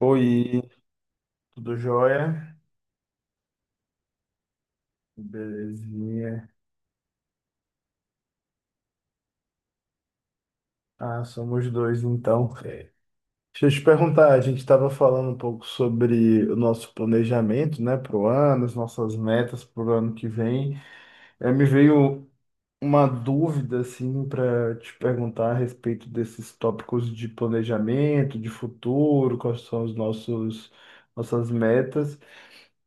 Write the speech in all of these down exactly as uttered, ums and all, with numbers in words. Oi, tudo jóia? Belezinha. Ah, somos dois então. É. Deixa eu te perguntar, a gente estava falando um pouco sobre o nosso planejamento, né, para o ano, as nossas metas para o ano que vem. Eh, me veio uma dúvida, assim, para te perguntar a respeito desses tópicos de planejamento, de futuro, quais são os nossos, nossas metas,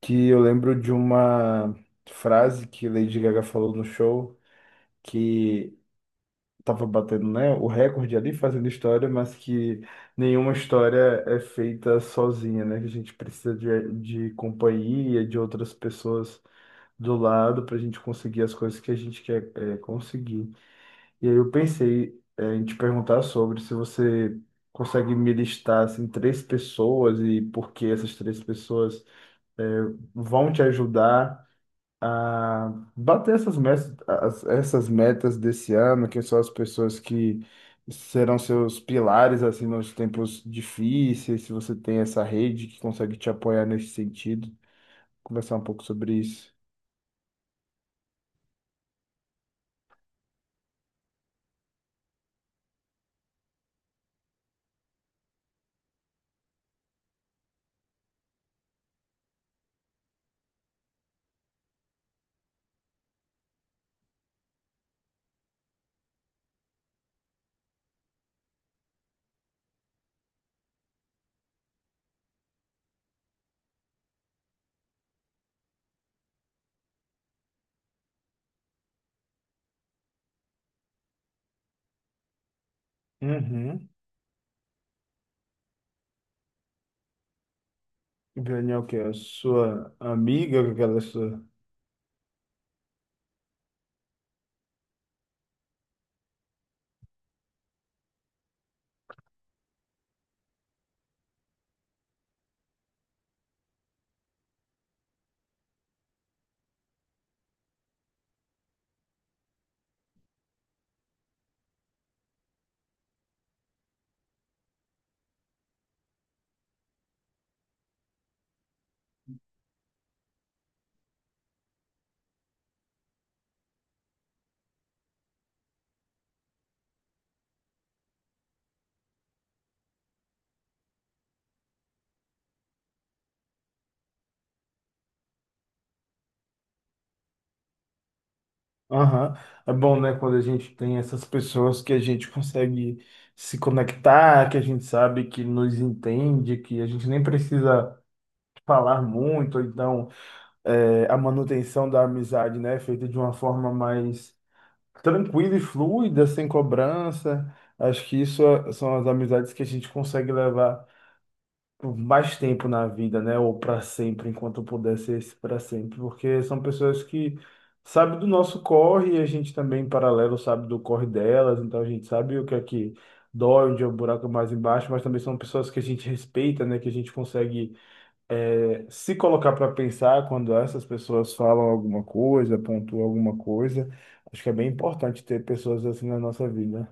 que eu lembro de uma frase que Lady Gaga falou no show, que estava batendo, né, o recorde ali fazendo história, mas que nenhuma história é feita sozinha, né? Que a gente precisa de, de companhia, de outras pessoas do lado para a gente conseguir as coisas que a gente quer é, conseguir. E aí eu pensei é, em te perguntar sobre se você consegue me listar assim três pessoas e por que essas três pessoas é, vão te ajudar a bater essas metas, as- essas metas desse ano, que são as pessoas que serão seus pilares assim nos tempos difíceis, se você tem essa rede que consegue te apoiar nesse sentido, conversar um pouco sobre isso. Uhum. Daniel, que é a sua amiga, aquela sua. Aham. É bom, né, quando a gente tem essas pessoas que a gente consegue se conectar, que a gente sabe que nos entende, que a gente nem precisa falar muito, ou então é, a manutenção da amizade, né, feita de uma forma mais tranquila e fluida, sem cobrança. Acho que isso é- são as amizades que a gente consegue levar por mais tempo na vida, né, ou para sempre, enquanto puder ser esse para sempre, porque são pessoas que sabem do nosso corre e a gente também, em paralelo, sabe do corre delas, então a gente sabe o que é que dói, onde é o buraco mais embaixo, mas também são pessoas que a gente respeita, né, que a gente consegue é, se colocar para pensar quando essas pessoas falam alguma coisa, pontuam alguma coisa, acho que é bem importante ter pessoas assim na nossa vida.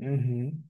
Uhum,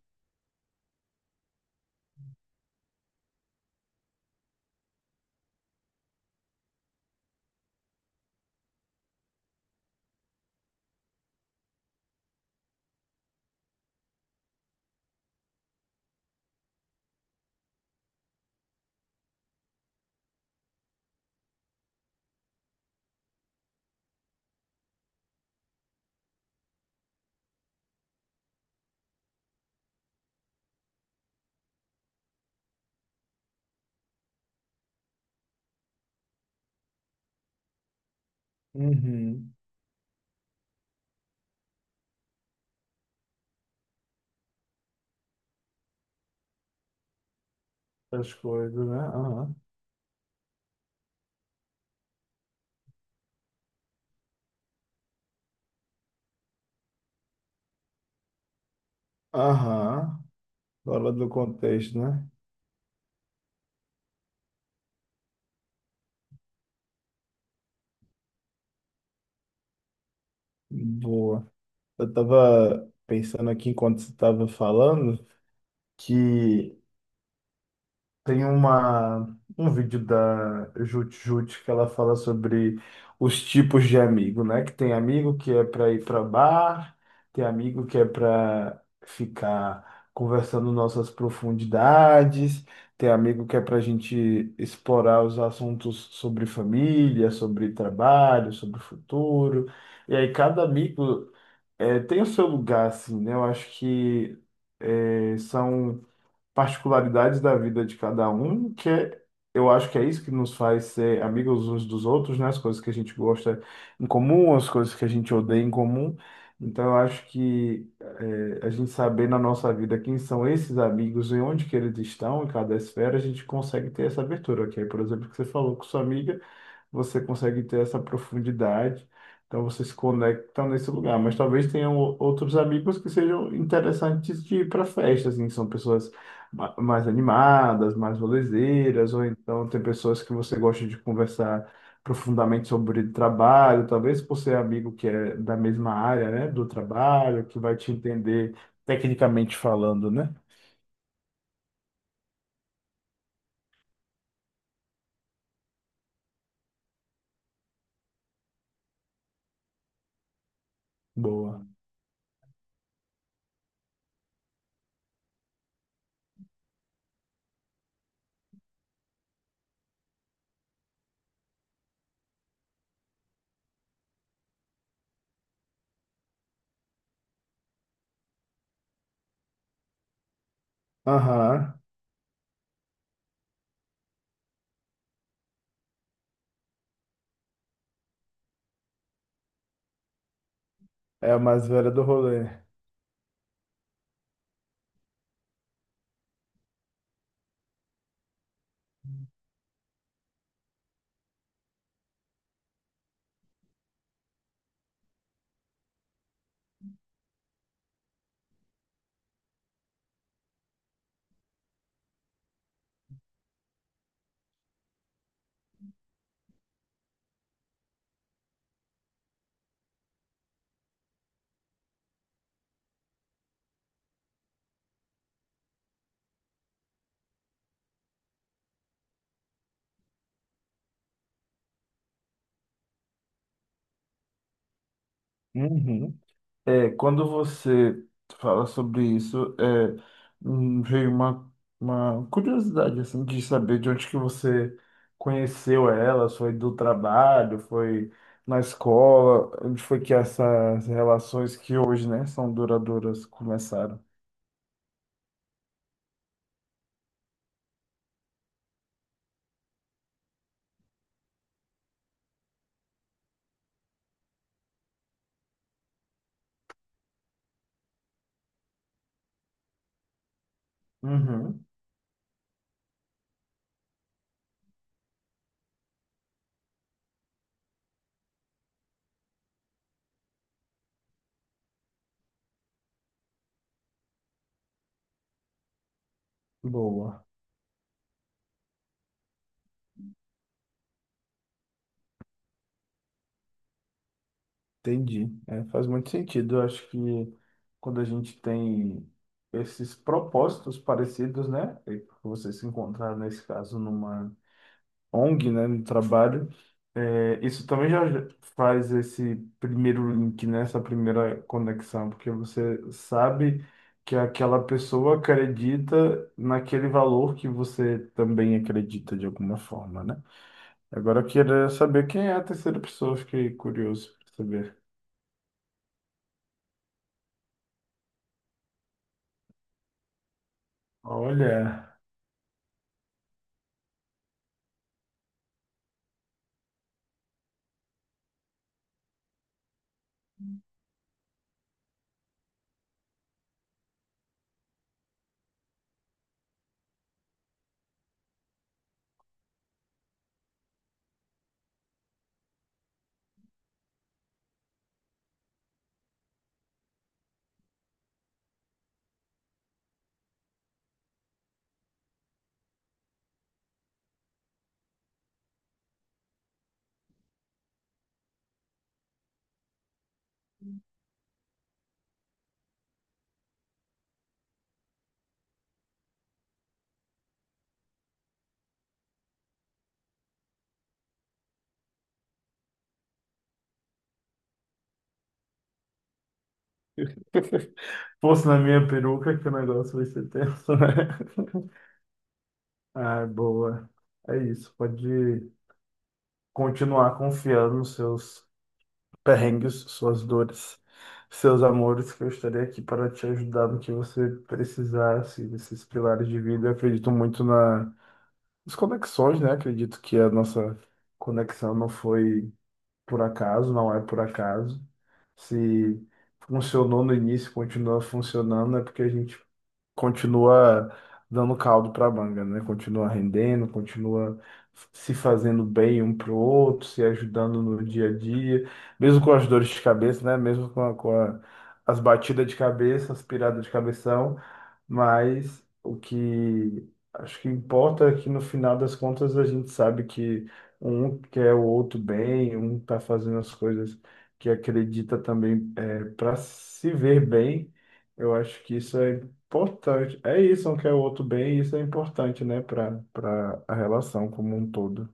uhum. As coisas, né? Aham. Aham. Fora do contexto, né? Boa. Eu tava pensando aqui enquanto você tava falando que tem uma, um vídeo da Jut Jut que ela fala sobre os tipos de amigo, né? Que tem amigo que é para ir para bar, tem amigo que é para ficar conversando nossas profundidades, tem amigo que é para a gente explorar os assuntos sobre família, sobre trabalho, sobre futuro. E aí cada amigo eh, tem o seu lugar, assim, né? Eu acho que eh, são particularidades da vida de cada um, que é, eu acho que é isso que nos faz ser amigos uns dos outros, né? As coisas que a gente gosta em comum, as coisas que a gente odeia em comum. Então, eu acho que eh, a gente saber na nossa vida quem são esses amigos e onde que eles estão, em cada esfera, a gente consegue ter essa abertura, que é, por exemplo, que você falou com sua amiga você consegue ter essa profundidade, então você se conecta nesse lugar. Mas talvez tenham o- outros amigos que sejam interessantes de ir para festas, assim, que são pessoas ma- mais animadas, mais rolezeiras, ou então tem pessoas que você gosta de conversar profundamente sobre trabalho, talvez por ser amigo que é da mesma área, né, do trabalho, que vai te entender tecnicamente falando, né? Boa. Aham, é a mais velha do rolê. Uhum. É, quando você fala sobre isso, é, hum, veio uma, uma curiosidade assim de saber de onde que você conheceu ela, foi do trabalho, foi na escola, onde foi que essas relações que hoje, né, são duradouras começaram. Uhum. Boa, entendi. É, faz muito sentido. Eu acho que quando a gente tem esses propósitos parecidos, né, e vocês se encontraram nesse caso numa O N G, né, no trabalho, é, isso também já faz esse primeiro link, né, essa primeira conexão, porque você sabe que aquela pessoa acredita naquele valor que você também acredita de alguma forma, né? Agora eu queria saber quem é a terceira pessoa, fiquei curioso para saber. Olha, fosse na minha peruca que o negócio vai ser tenso, né? Ah, boa. É isso, pode continuar confiando nos seus perrengues, suas dores, seus amores, que eu estarei aqui para te ajudar no que você precisasse desses pilares de vida. Eu acredito muito na- nas conexões, né? Acredito que a nossa conexão não foi por acaso, não é por acaso. Se funcionou no início, continua funcionando, é porque a gente continua dando caldo para a manga, né? Continua rendendo, continua se fazendo bem um para o outro, se ajudando no dia a dia, mesmo com as dores de cabeça, né? Mesmo com, a- com a- as batidas de cabeça, as piradas de cabeção, mas o que acho que importa é que no final das contas a gente sabe que um quer o outro bem, um tá fazendo as coisas que acredita também para se ver bem. Eu acho que isso é importante. É isso, um quer o outro bem, e isso é importante, né, para para a relação como um todo.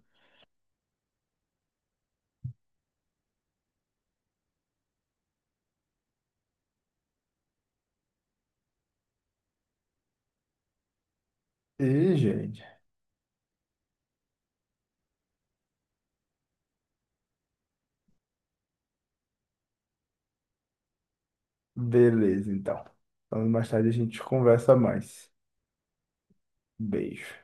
E, gente, beleza, então. Então, mais tarde a gente conversa mais. Beijo.